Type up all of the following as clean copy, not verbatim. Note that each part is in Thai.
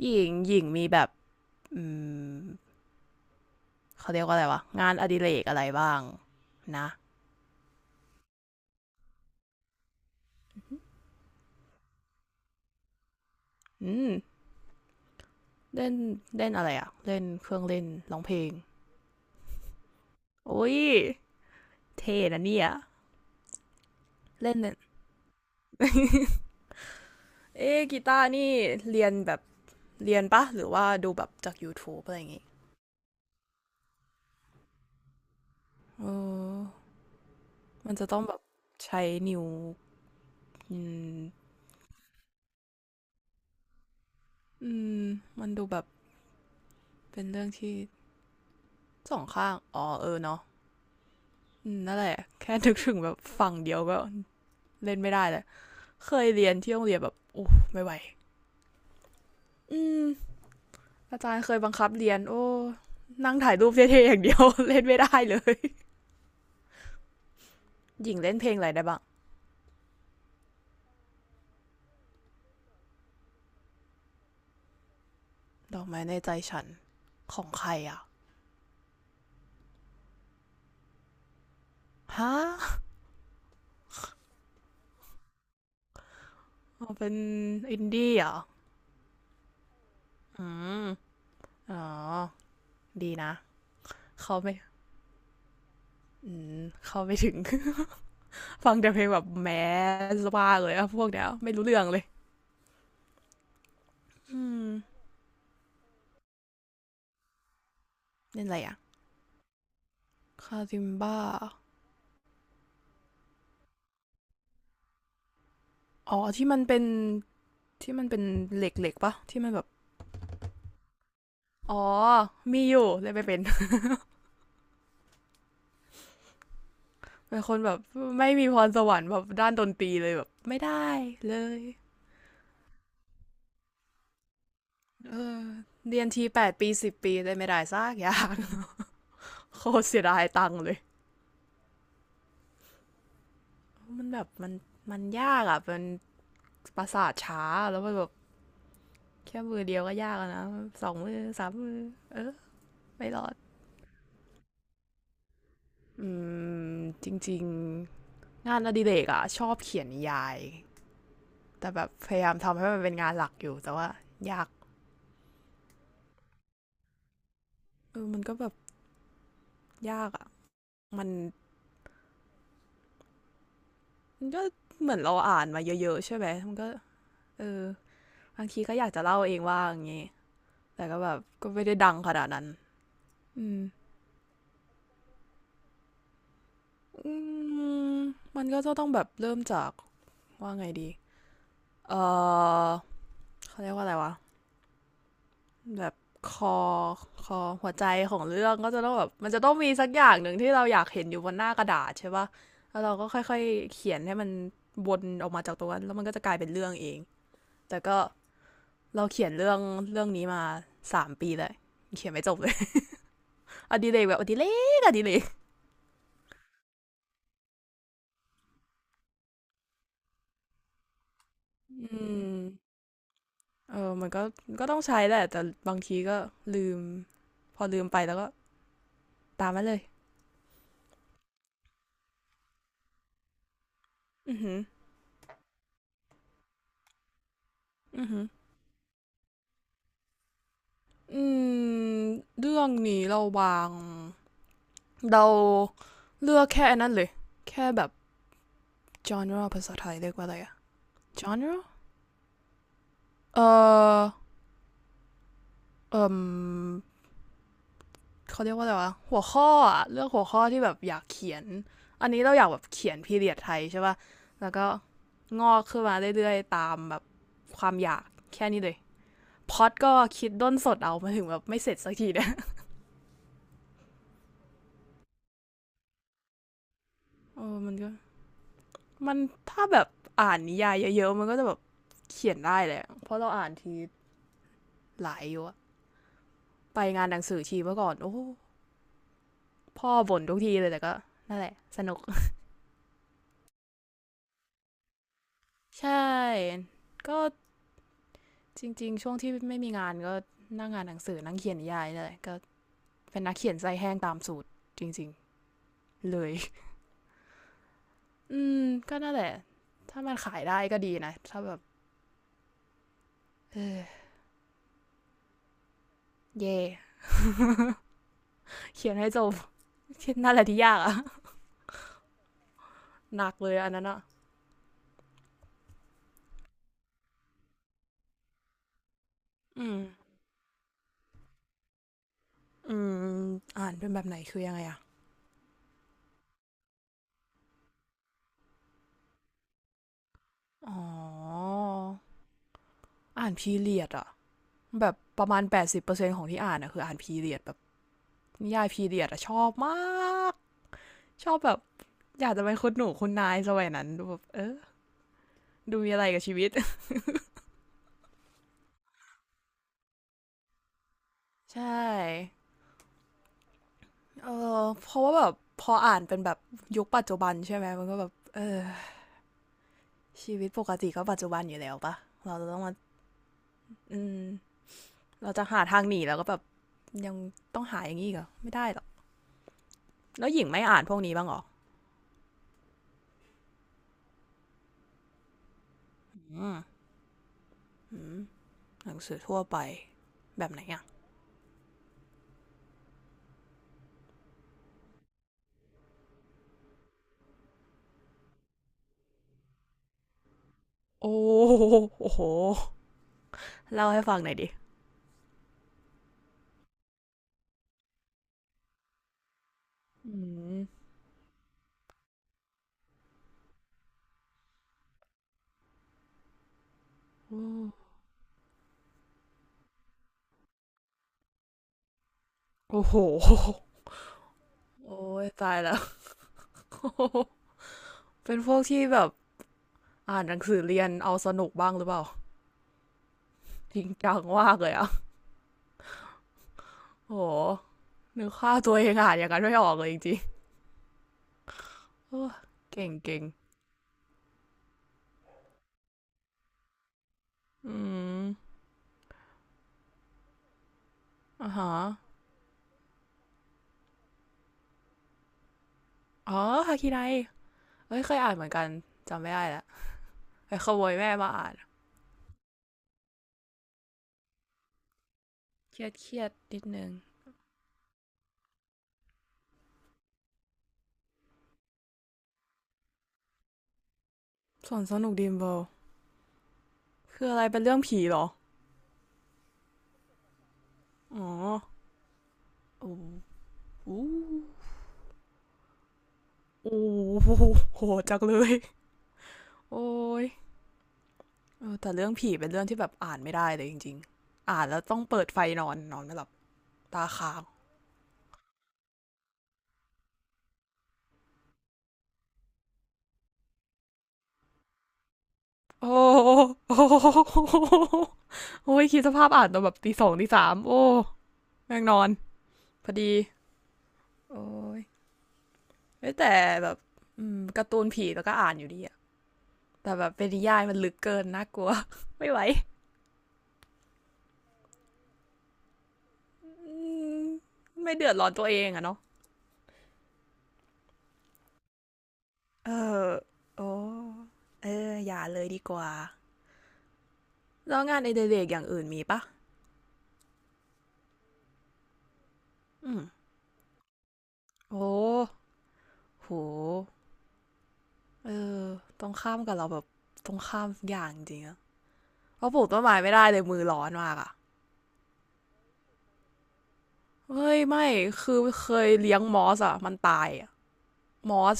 หญิงหญิงมีแบบอืมเขาเรียกว่าอะไรวะ งานอดิเรกอะไรบ้างนะอืมเล่นเล่นอะไรอะเล่นเครื่องเล่นร้องเพลง โอ้ย เท่นะเนี่ยเล่นเนี่ยเอ๊ะกีตาร์นี่ เรียนแบบ เรียนปะ หรือว่าดูแบบจาก YouTube อะไรอย่างงี้เออมันจะต้องแบบใช้นิ้วอืมอืม มันดูแบบเป็นเรื่องที่สองข้าง อ๋อเออเนาะอืมนั่นแหละแค่นึกถึงแบบฝั่งเดียวก็เล่นไม่ได้เลย เคยเรียนที่โรงเรียนแบบโอ้ไม่ไหวอืมอาจารย์เคยบังคับเรียนโอ้ นั่งถ่ายรูปเท่ๆอย่างเดียว เล่นไม่ได้เลย หญิงเล่นเพลงอะไรได้บ้างดอกไม้ในใจฉันของใครอ่ะฮะอ๋อเป็นอินดี้เหรออืม อ๋อ ดีนะ เขาไม่อืมเขาไม่ถึง ฟังแต่เพลงแบบแมสบ้าเลยอะพวกเนี้ยไม่รู้เรื่องเลยอืมเล่นอะไรอะคาซิมบ้าอ๋อที่มันเป็นที่มันเป็นเหล็กๆปะที่มันแบบ อ๋อ มีอยู่เลยไม่เป็น เป็นคนแบบไม่มีพรสวรรค์แบบด้านดนตรีเลยแบบไม่ได้เลยเรียนทีแปดปีสิบปีเลยไม่ได้ซากอยาง โคตรเสียดายตังค์เลยมันแบบมันมันยากอ่ะเป็นประสาทช้าแล้วมันแบบแค่มือเดียวก็ยากแล้วนะสองมือสามมือเออไม่รอดอืมจริงๆงานอดิเรกอ่ะชอบเขียนนิยายแต่แบบพยายามทำให้มันเป็นงานหลักอยู่แต่ว่ายากเออมันก็แบบยากอ่ะมัน มันก็เหมือนเราอ่านมาเยอะๆใช่ไหมมันก็เออบางทีก็อยากจะเล่าเองว่าอย่างงี้ แต่ก็แบบก็ไม่ได้ดังขนาดนั้นอืมอืมมันก็จะต้องแบบเริ่มจากว่าไงดีเออเขาเรียกว่าอะไรวะแบบคอคอหัวใจของเรื่องก็จะต้องแบบมันจะต้องมีสักอย่างหนึ่งที่เราอยากเห็นอยู่บนหน้ากระดาษใช่ปะแล้วเราก็ค่อยๆเขียนให้มันวนออกมาจากตรงนั้นแล้วมันก็จะกลายเป็นเรื่องเองแต่ก็ เราเขียนเรื่องเรื่องนี้มาสามปีเลยเขียนไม่จบเลย อดิเรกแบบอดิเรกอดิเรกอืมเออมันก็ต้องใช้แหละแต่บางทีก็ลืมพอลืมไปแล้วก็ตามมาเลยอือหืออือหืออืมเรื่องนี้เราวางเราเลือกแค่นนั้นเลยแค่แบบ genre ภาษาไทยเรียกว่าอะไรอะ genre เอ่อเอ่ม เขาเรียกว่าอะไรวะหัวข้ออะเลือกหัวข้อที่แบบอยากเขียนอันนี้เราอยากแบบเขียนพีเรียดไทยใช่ป่ะแล้วก็งอกขึ้นมาเรื่อยๆตามแบบความอยากแค่นี้เลยพอดก็คิดด้นสดเอามาถึงแบบไม่เสร็จสักทีเนี่ย อ้มันก็มันถ้าแบบอ่านนิยายเยอะๆมันก็จะแบบเขียนได้แหละเพราะเราอ่านทีหลายอยู่อะไปงานหนังสือทีเมื่อก่อนโอ้พ่อบ่นทุกทีเลยแต่ก็นั่นแหละสนุก ใช่ก็ จริงๆ ช่วงที่ไม่มีงานก็นั่งงานหนังสือนั่งเขียนนิยายนี่แหละก็เป็นนักเขียนใจแห้งตามสูตรจริงๆเลยอืมก็นั่นแหละถ้ามันขายได้ก็ดีนะถ้าแบบเออเย่เขียนให้จบนั่นแหละที่ยากอะหนักเลยอันนั้นอะอืมอืมอ่านเป็นแบบไหนคือยังไงอะอ๋ออ่านพีเรียดอะแบบประมาณ80%ของที่อ่านอะคืออ่านพีเรียดแบบนิยายพีเรียดอะชอบมากชอบแบบอยากจะเป็นคนหนูคุณนายสมัยนั้นแบบเออ ดูมีอะไรกับชีวิต ใช่เออเพราะว่าแบบพออ่านเป็นแบบยุคปัจจุบันใช่ไหมมันก็แบบเออชีวิตปกติก็ปัจจุบันอยู่แล้วปะเราจะต้องมาอืมเราจะหาทางหนีแล้วก็แบบยังต้องหาอย่างนี้อกเหรอไม่ได้หรอกแล้วหญิงไม่อ่านพวกนี้บ้างหรออืมอืมหนังสือทั่วไปแบบไหนอ่ะโอ้โหเล่าให้ฟังหน่อยดิอืมโอ้โหโอ้ยตายแล้ว เป็นพวกที่แบบ อ่านหนังสือเรียนเอาสนุกบ้างหรือเปล่าจริงจังมากเลยอ่ะโอ้โหนึกค่าตัวเองอ่านอย่างนั้นไม่ออกเลยจริงๆเออเก่งเก่งอืมอ่าฮะอ๋อฮาคิไนเอ้ยเคยอ่านเหมือนกันจำไม่ได้ละไปขโมยแม่มาอ่านเครียดเครียดนิดนึงส่วนสนุกดีมเบลคืออะไรเป็นเรื่องผีเหรออ๋ออู้โอ้โหโหจักเลยโอ้ยแต่เรื่องผีเป็นเรื่องที่แบบอ่านไม่ได้เลยจริงๆอ่านแล้วต้องเปิดไฟนอนนอนไม่หลับตาค้าง โอ้โอ้โอ้ยคิดสภาพอ่านตอนแบบตีสองตีสามโอ้แม่งนอนพอดีโอ้ย้แต่แบบอมการ์ตูนผีแล้วก็อ่านอยู่ดีอะแต่แบบเป็นนิยายมันลึกเกินน่ากลัว ไม่ไหวมไม่เดือดร้อนตัวเองอะเนาะเออโอ้เอออย่าเลยดีกว่าแล้วงานไอเดเรกอย่างอื่นมีปะอืมโอ้โหเออตรงข้ามกับเราแบบตรงข้ามอย่างจริงอะ เพราะปลูกต้นไม้ไม่ได้เลยมือร้อนมากอะเฮ้ยไม่คือเคยเลี้ยงมอสอะมันตายอะมอส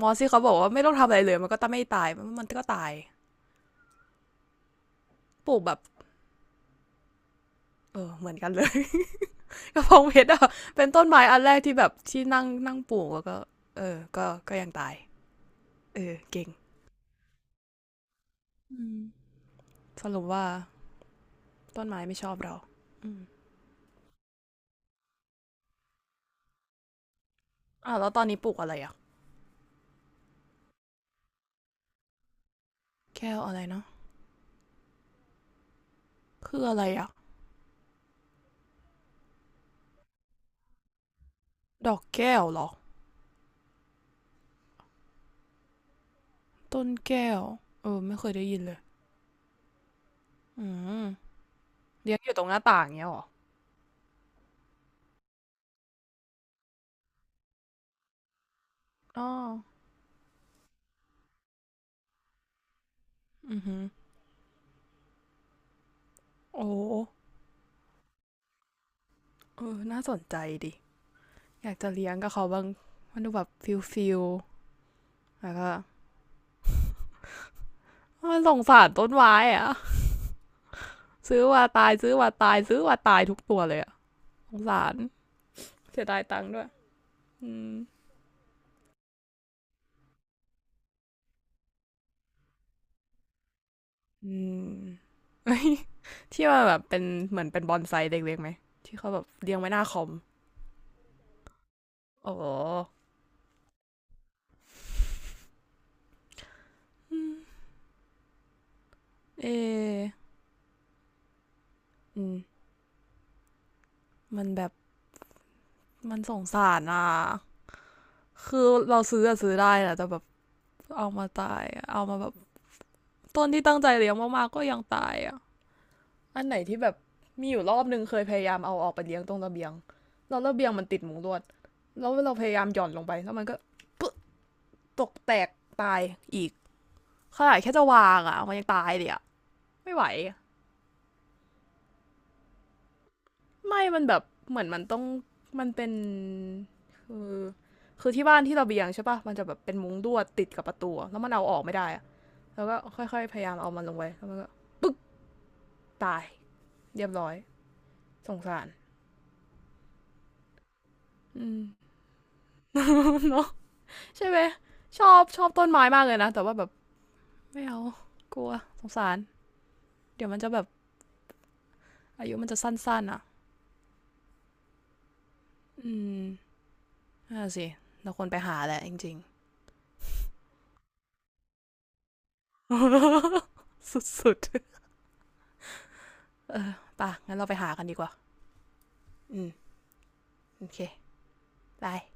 มอสที่เขาบอกว่าไม่ต้องทำอะไรเลยมันก็ต้องไม่ตายมันก็ตายปลูกแบบเออเหมือนกันเลย กระเพงเพชรอะเป็นต้นไม้อันแรกที่แบบที่นั่งนั่งปลูกแล้วก็เออก็ยังตายเออเก่งสรุปว่าต้นไม้ไม่ชอบเราอืม่ะแล้วตอนนี้ปลูกอะไรอะแก้วอะไรเนาะคืออะไรอะดอกแก้วหรอต้นแก้วเออไม่เคยได้ยินเลยอืม เลี้ยงอยู่ตรงหน้าต่างเงี้ยหรออ๋ออือหือโอ้เออน่าสนใจดิอยากจะเลี้ยงกับเขาบ้างมันดูแบบฟิลฟิลแล้วก็สงสารต้นไม้อะ ซื้อว่าตายซื้อว่าตายซื้อว่าตายทุกตัวเลยอะสงสารเสียดายตังค์ด้วยอืมอืม อที่ว่าแบบเป็นเหมือนเป็นบอนไซเด็กๆไหม ที่เขาแบบเลี้ยงไว้หน้าคอม โอ้อืเอออืมมันแบบมันสงสารอ่ะ คือเราซื้ออะซื้อได้นะแต่แบบเอามาตายเอามาแบบต้นที่ตั้งใจเลี้ยงมากๆก็ยังตายอะอันไหนที่แบบมีอยู่รอบนึงเคยพยายามเอาออกไปเลี้ยงตรงระเบียงแล้วระเบียงมันติดมุงลวดแล้วเราพยายามหย่อนลงไปแล้วมันก็ปึ๊ะตกแตกตายอีกขนาดแค่จะวางอะมันยังตายเลยอะไม่ไหวไม่มันแบบเหมือนมันเป็นคือคือที่บ้านที่ระเบียงใช่ปะมันจะแบบเป็นมุ้งลวดติดกับประตูแล้วมันเอาออกไม่ได้อะแล้วก็ค่อยๆพยายามเอามันลงไปแล้วมันก็ ตายเรียบร้อยสงสารอืม เนาะใช่ไหมชอบชอบต้นไม้มากเลยนะแต่ว่าแบบไม่เอากลัวสงสารเดี๋ยวมันจะแบบอายุมันจะสั้นๆอ่ะอืมน่าสิเราควรไปหาแหละจริงๆ สุดๆเออป่ะงั้นเราไปหากันดีกว่าอืมโอเคไป